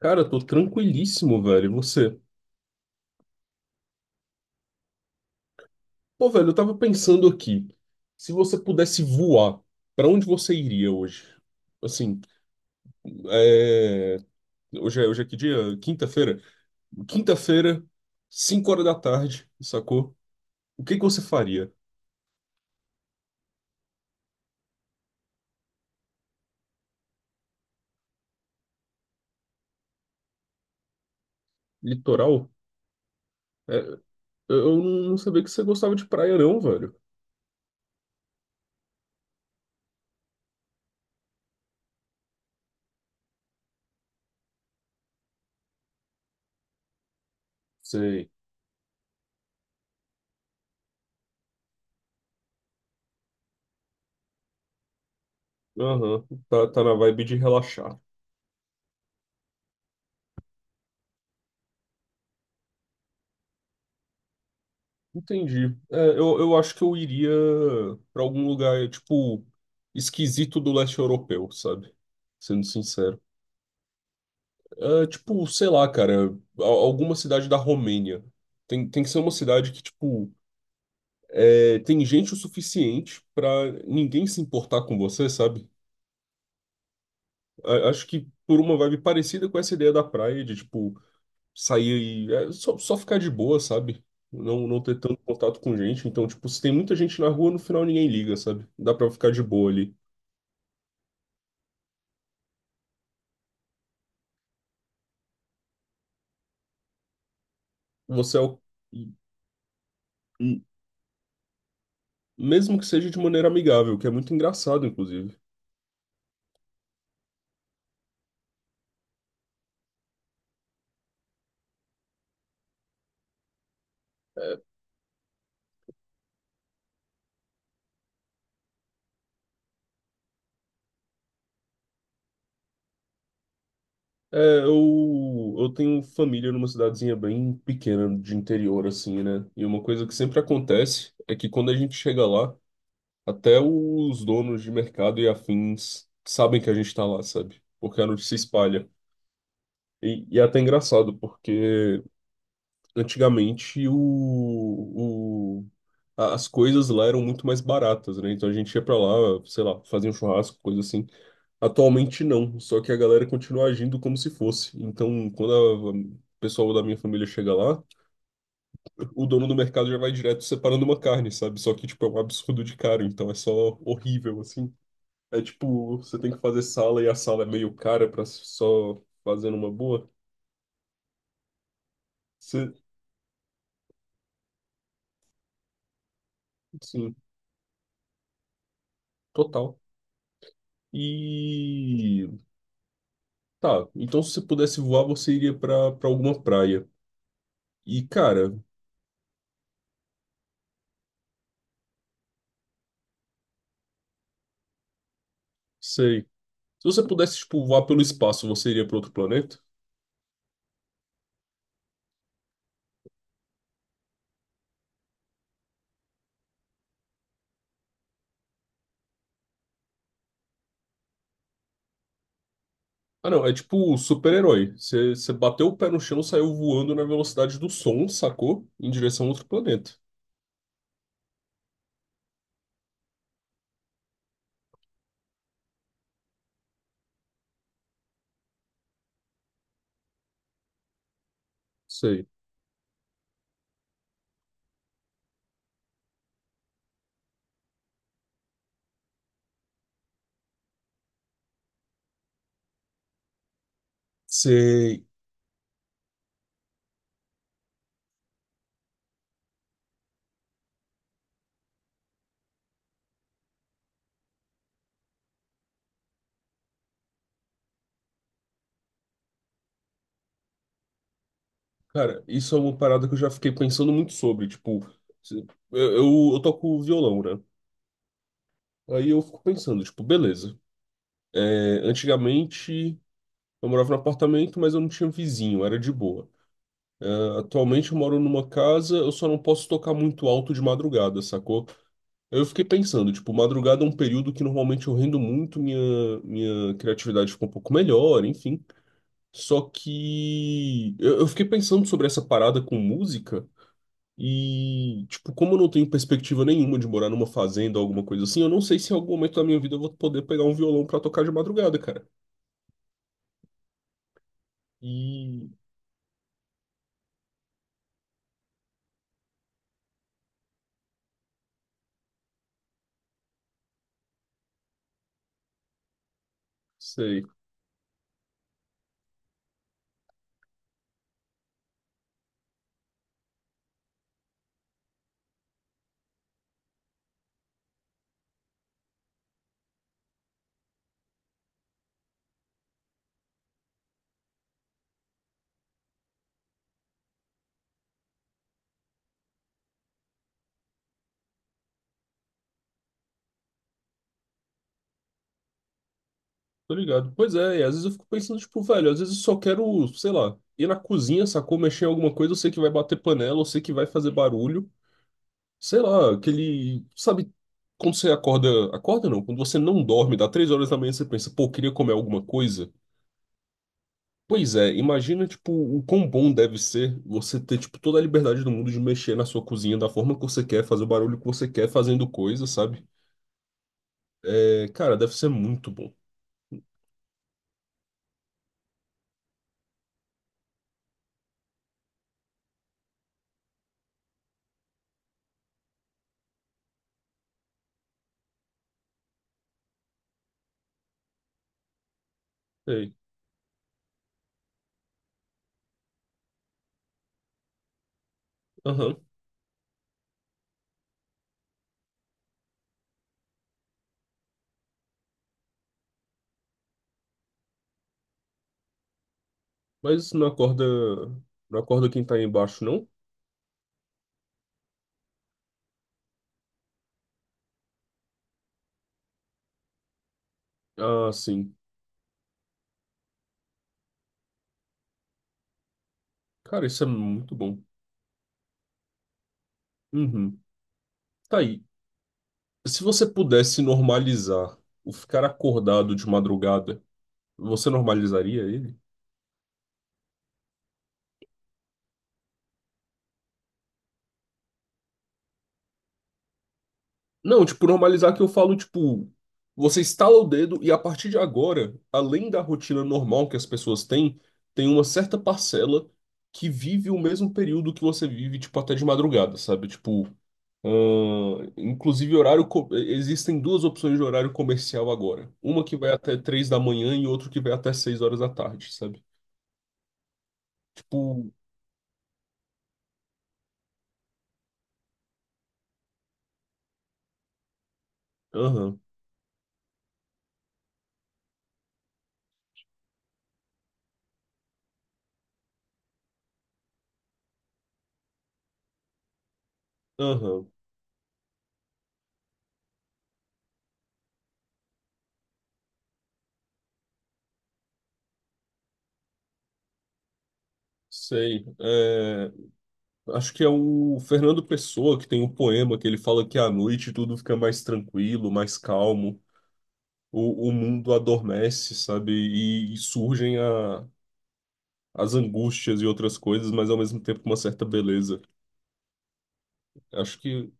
Cara, eu tô tranquilíssimo, velho. E você? Pô, velho, eu tava pensando aqui. Se você pudesse voar, pra onde você iria hoje? Assim, é... hoje é que dia? Quinta-feira? Quinta-feira, 5 horas da tarde, sacou? O que que você faria? Litoral? É, eu não sabia que você gostava de praia, não, velho. Sei. Aham, tá, tá na vibe de relaxar. Entendi. É, eu acho que eu iria pra algum lugar, tipo, esquisito do leste europeu, sabe? Sendo sincero. É, tipo, sei lá, cara, alguma cidade da Romênia. Tem que ser uma cidade que, tipo, tem gente o suficiente pra ninguém se importar com você, sabe? Acho que por uma vibe parecida com essa ideia da praia, de, tipo, sair e só ficar de boa, sabe? Não ter tanto contato com gente. Então, tipo, se tem muita gente na rua, no final ninguém liga, sabe? Dá pra ficar de boa ali. Você é o... e- e- Mesmo que seja de maneira amigável, que é muito engraçado, inclusive. É, é, eu tenho família numa cidadezinha bem pequena de interior, assim, né? E uma coisa que sempre acontece é que quando a gente chega lá, até os donos de mercado e afins sabem que a gente tá lá, sabe? Porque a notícia espalha. E é até engraçado, porque antigamente as coisas lá eram muito mais baratas, né? Então a gente ia pra lá, sei lá, fazia um churrasco, coisa assim. Atualmente não, só que a galera continua agindo como se fosse. Então, quando o pessoal da minha família chega lá, o dono do mercado já vai direto separando uma carne, sabe? Só que, tipo, é um absurdo de caro, então é só horrível, assim. É tipo, você tem que fazer sala e a sala é meio cara pra só fazer numa boa. Você, sim, total. E tá, então se você pudesse voar, você iria pra para alguma praia. E cara, sei. Se você pudesse tipo voar pelo espaço, você iria pra outro planeta? Ah, não, é tipo super-herói. Você bateu o pé no chão, saiu voando na velocidade do som, sacou? Em direção a outro planeta. Sei. Sei. Cara, isso é uma parada que eu já fiquei pensando muito sobre, tipo, se- eu toco violão, né? Aí eu fico pensando, tipo, beleza. É, antigamente eu morava no apartamento, mas eu não tinha vizinho, era de boa. Atualmente eu moro numa casa, eu só não posso tocar muito alto de madrugada, sacou? Eu fiquei pensando, tipo, madrugada é um período que normalmente eu rendo muito, minha criatividade fica um pouco melhor, enfim. Só que eu fiquei pensando sobre essa parada com música e, tipo, como eu não tenho perspectiva nenhuma de morar numa fazenda ou alguma coisa assim, eu não sei se em algum momento da minha vida eu vou poder pegar um violão pra tocar de madrugada, cara. E sei. Tô ligado. Pois é, e às vezes eu fico pensando, tipo, velho, às vezes eu só quero, sei lá, ir na cozinha, sacou, mexer em alguma coisa, eu sei que vai bater panela, eu sei que vai fazer barulho. Sei lá, aquele. Sabe, quando você acorda. Acorda não, quando você não dorme, dá 3 horas da manhã, e você pensa, pô, eu queria comer alguma coisa. Pois é, imagina, tipo, o quão bom deve ser você ter, tipo, toda a liberdade do mundo de mexer na sua cozinha da forma que você quer, fazer o barulho que você quer, fazendo coisa, sabe? É, cara, deve ser muito bom. Ei. Aham. Mas não acorda quem tá aí embaixo, não? Ah, sim. Cara, isso é muito bom. Uhum. Tá aí. Se você pudesse normalizar o ficar acordado de madrugada, você normalizaria ele? Não, tipo, normalizar que eu falo, tipo, você estala o dedo e a partir de agora, além da rotina normal que as pessoas têm, tem uma certa parcela que vive o mesmo período que você vive, tipo, até de madrugada, sabe? Tipo, inclusive horário, existem duas opções de horário comercial agora. Uma que vai até 3 da manhã e outra que vai até 6 horas da tarde, sabe? Tipo, aham, aham, sei. Acho que é o Fernando Pessoa que tem um poema que ele fala que à noite tudo fica mais tranquilo, mais calmo, o mundo adormece, sabe? E surgem as angústias e outras coisas, mas ao mesmo tempo com uma certa beleza. Acho que.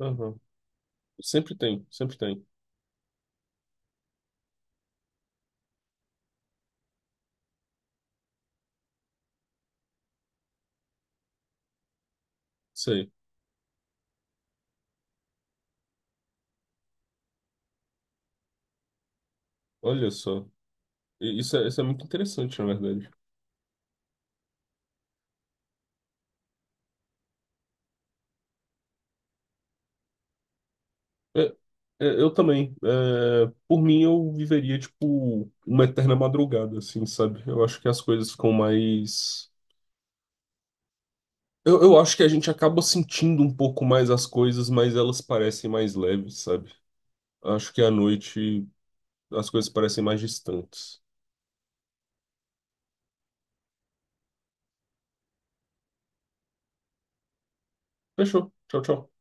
Aham. Sempre tem, sempre tem. Sei. Olha só. Isso é muito interessante, na verdade. É, é, eu também. É, por mim, eu viveria, tipo, uma eterna madrugada, assim, sabe? Eu acho que as coisas ficam mais. Eu acho que a gente acaba sentindo um pouco mais as coisas, mas elas parecem mais leves, sabe? Acho que à noite as coisas parecem mais distantes. Fechou. Tchau, tchau.